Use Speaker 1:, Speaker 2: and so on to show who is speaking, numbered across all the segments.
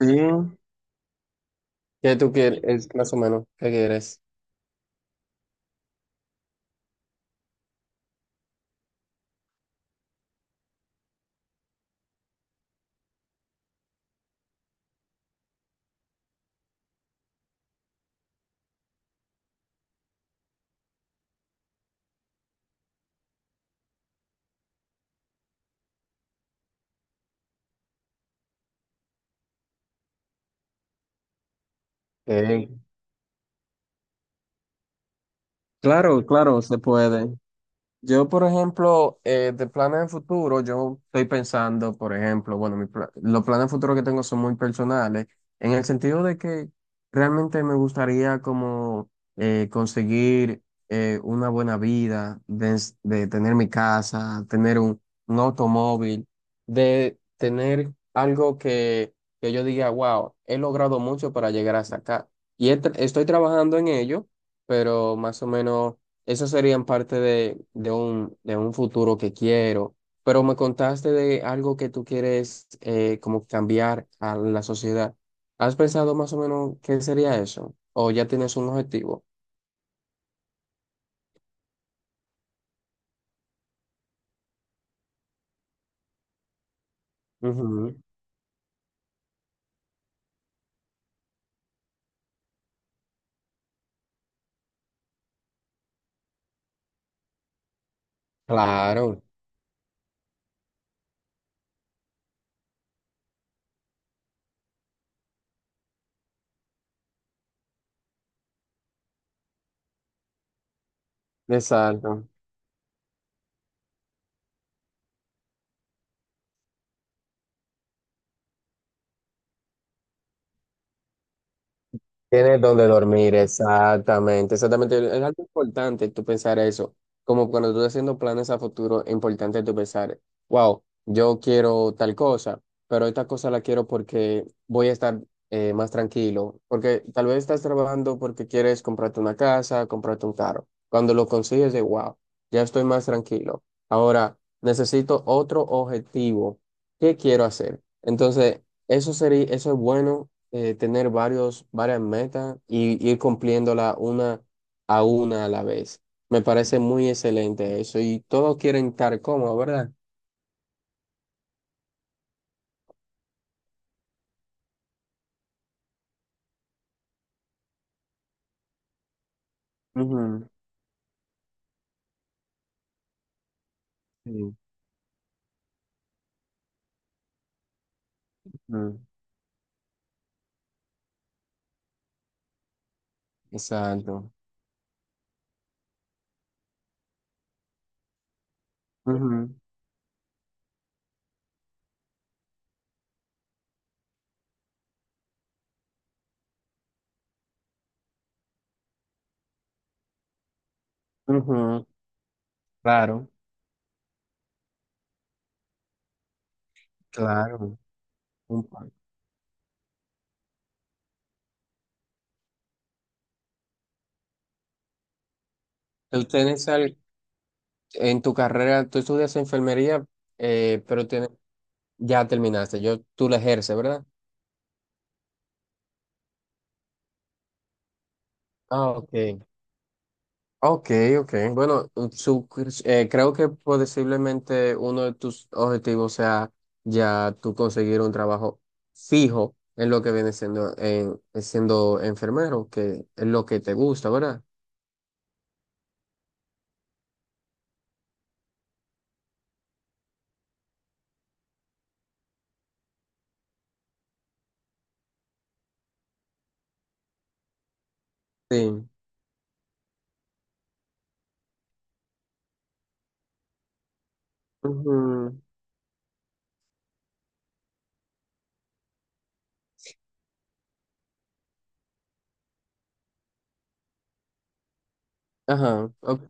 Speaker 1: Sí, ¿qué tú quieres? Es más o menos, ¿qué quieres? Eh, claro, claro, se puede. Yo, por ejemplo, de planes de futuro, yo estoy pensando, por ejemplo, bueno, los planes de futuro que tengo son muy personales, en el sentido de que realmente me gustaría como conseguir una buena vida, de tener mi casa, tener un automóvil, de tener algo que yo diga, wow, he logrado mucho para llegar hasta acá. Y estoy trabajando en ello, pero más o menos esas serían parte de un futuro que quiero, pero me contaste de algo que tú quieres como cambiar a la sociedad. ¿Has pensado más o menos qué sería eso? ¿O ya tienes un objetivo? Ujú. Claro, exacto. Tienes donde dormir, exactamente, exactamente. Es algo importante tú pensar eso. Como cuando tú estás haciendo planes a futuro, es importante tú pensar, wow, yo quiero tal cosa, pero esta cosa la quiero porque voy a estar más tranquilo. Porque tal vez estás trabajando porque quieres comprarte una casa, comprarte un carro. Cuando lo consigues, de wow, ya estoy más tranquilo. Ahora necesito otro objetivo. ¿Qué quiero hacer? Entonces, eso sería, eso es bueno tener varios, varias metas y ir cumpliéndola una a la vez. Me parece muy excelente eso y todos quieren estar cómodos, ¿verdad? Ujú, sí, ujú. Exacto. Ujú, ujú. Claro, claro. Un pa- Tú tienes al- en tu carrera, tú estudias enfermería, eh, pero tienes- ya terminaste. Yo, tú la ejerces, ¿verdad? Ah, ok. Ok, ok. Bueno, creo que posiblemente uno de tus objetivos sea ya tú conseguir un trabajo fijo en lo que viene siendo, en, siendo enfermero, que es lo que te gusta, ¿verdad? Sí. Ujú. Ajá, ok.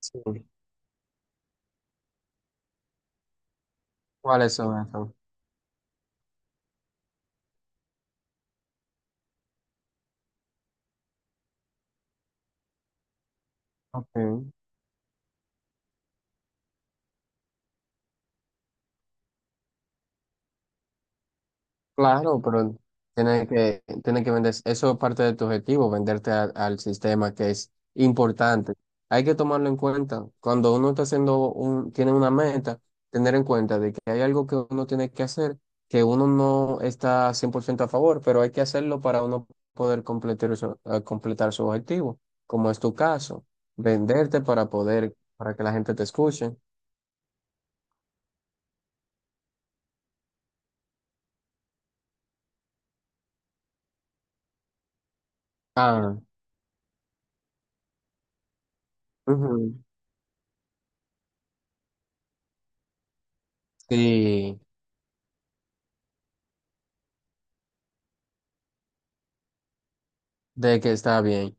Speaker 1: Sí. ¿Cuáles son esos? Ok. Claro, pero tiene que vender, eso es parte de tu objetivo, venderte al sistema que es importante. Hay que tomarlo en cuenta. Cuando uno está haciendo un, tiene una meta, tener en cuenta de que hay algo que uno tiene que hacer, que uno no está 100% a favor, pero hay que hacerlo para uno poder completar su objetivo, como es tu caso, venderte para poder, para que la gente te escuche. Ah, ujú, sí, de que está bien.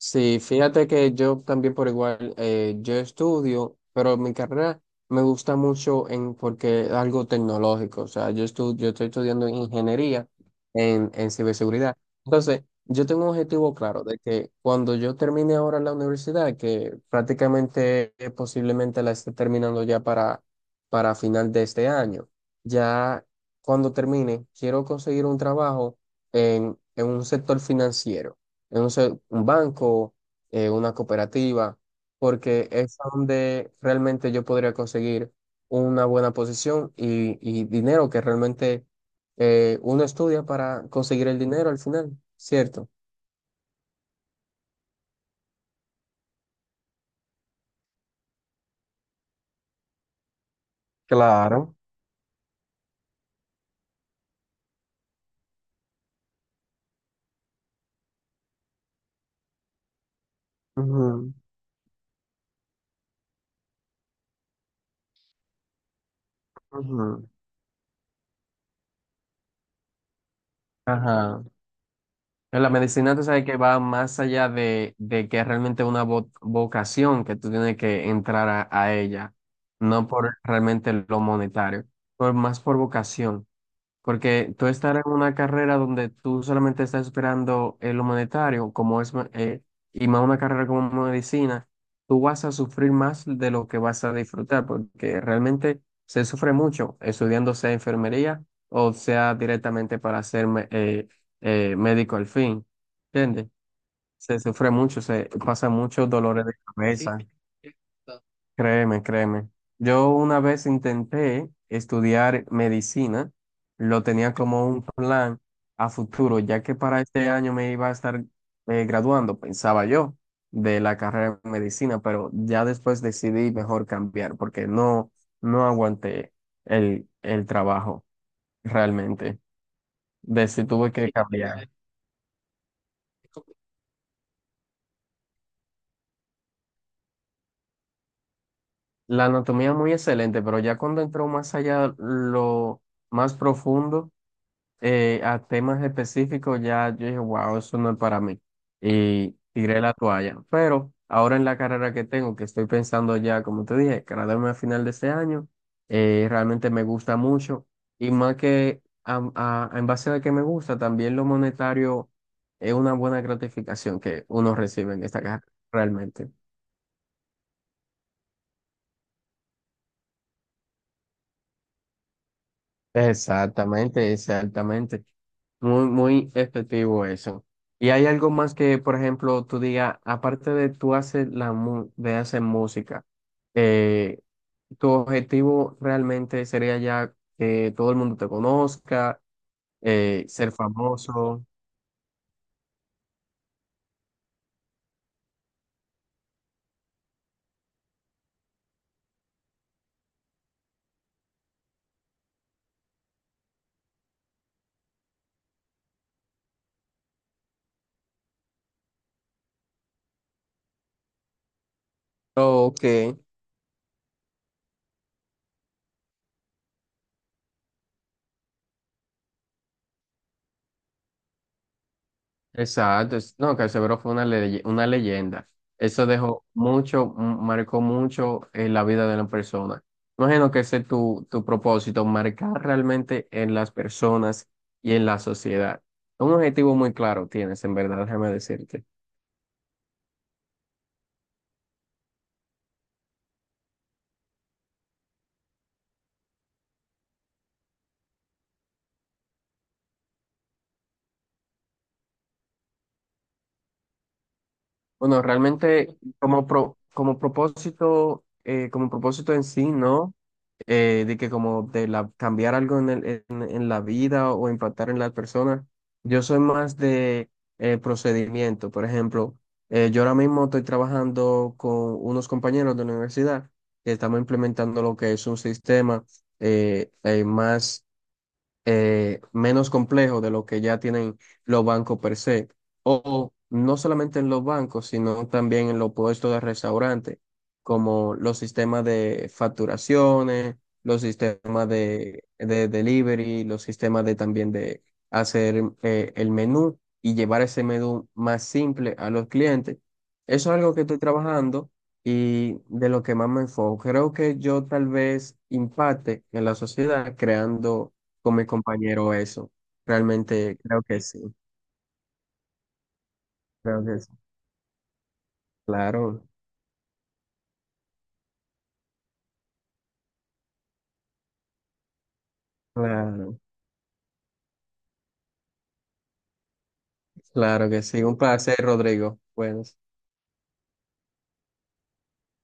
Speaker 1: Sí, fíjate que yo también por igual, yo estudio, pero mi carrera me gusta mucho en, porque es algo tecnológico, o sea, yo, yo estoy estudiando ingeniería en ciberseguridad. Entonces, yo tengo un objetivo claro de que cuando yo termine ahora la universidad, que prácticamente posiblemente la esté terminando ya para final de este año, ya cuando termine, quiero conseguir un trabajo en un sector financiero no sé, un banco, una cooperativa, porque es donde realmente yo podría conseguir una buena posición y dinero que realmente uno estudia para conseguir el dinero al final, ¿cierto? Claro. Ujú, ujú. Ajá. En la medicina, tú sabes que va más allá de que es realmente una vocación que tú tienes que entrar a ella, no por realmente lo monetario, por más por vocación. Porque tú estar en una carrera donde tú solamente estás esperando el monetario como es, y más una carrera como medicina, tú vas a sufrir más de lo que vas a disfrutar, porque realmente se sufre mucho estudiando sea enfermería o sea directamente para ser médico al fin, ¿entiendes? Se sufre mucho, se pasa muchos dolores de Sí, cabeza. Créeme, créeme. Yo una vez intenté estudiar medicina, lo tenía como un plan a futuro, ya que para este año me iba a estar graduando, pensaba yo, de la carrera de medicina, pero ya después decidí mejor cambiar porque no, no aguanté el trabajo realmente. Decí, tuve que cambiar. La anatomía muy excelente, pero ya cuando entró más allá, lo más profundo. A temas específicos ya yo dije, wow, eso no es para mí. Y tiré la toalla. Pero ahora en la carrera que tengo, que estoy pensando ya, como te dije, graduarme a final de este año, realmente me gusta mucho. Y más que en base a que me gusta, también lo monetario es una buena gratificación que uno recibe en esta carrera, realmente. Exactamente, exactamente. Muy, muy efectivo eso. ¿Y hay algo más que, por ejemplo, tú digas, aparte de tú hacer de hacer música, eh, tu objetivo realmente sería ya que todo el mundo te conozca, ser famoso? Oh, ok. Exacto, no, Canserbero fue una, una leyenda. Eso dejó mucho, marcó mucho en la vida de la persona. Imagino que ese es tu, tu propósito, marcar realmente en las personas y en la sociedad. Un objetivo muy claro tienes, en verdad, déjame decirte. Bueno, realmente como, como propósito en sí, ¿no? De que como de la, cambiar algo en, en la vida o impactar en las personas. Yo soy más de procedimiento. Por ejemplo, yo ahora mismo estoy trabajando con unos compañeros de la universidad que estamos implementando lo que es un sistema más menos complejo de lo que ya tienen los bancos per se. O no solamente en los bancos, sino también en los puestos de restaurante, como los sistemas de facturaciones, los sistemas de delivery, los sistemas de también de hacer el menú y llevar ese menú más simple a los clientes. Eso es algo que estoy trabajando y de lo que más me enfoco. Creo que yo tal vez impacte en la sociedad creando con mi compañero eso. Realmente creo que sí, creo que sí. Claro, claro, claro que sí. Un placer, Rodrigo. Bueno.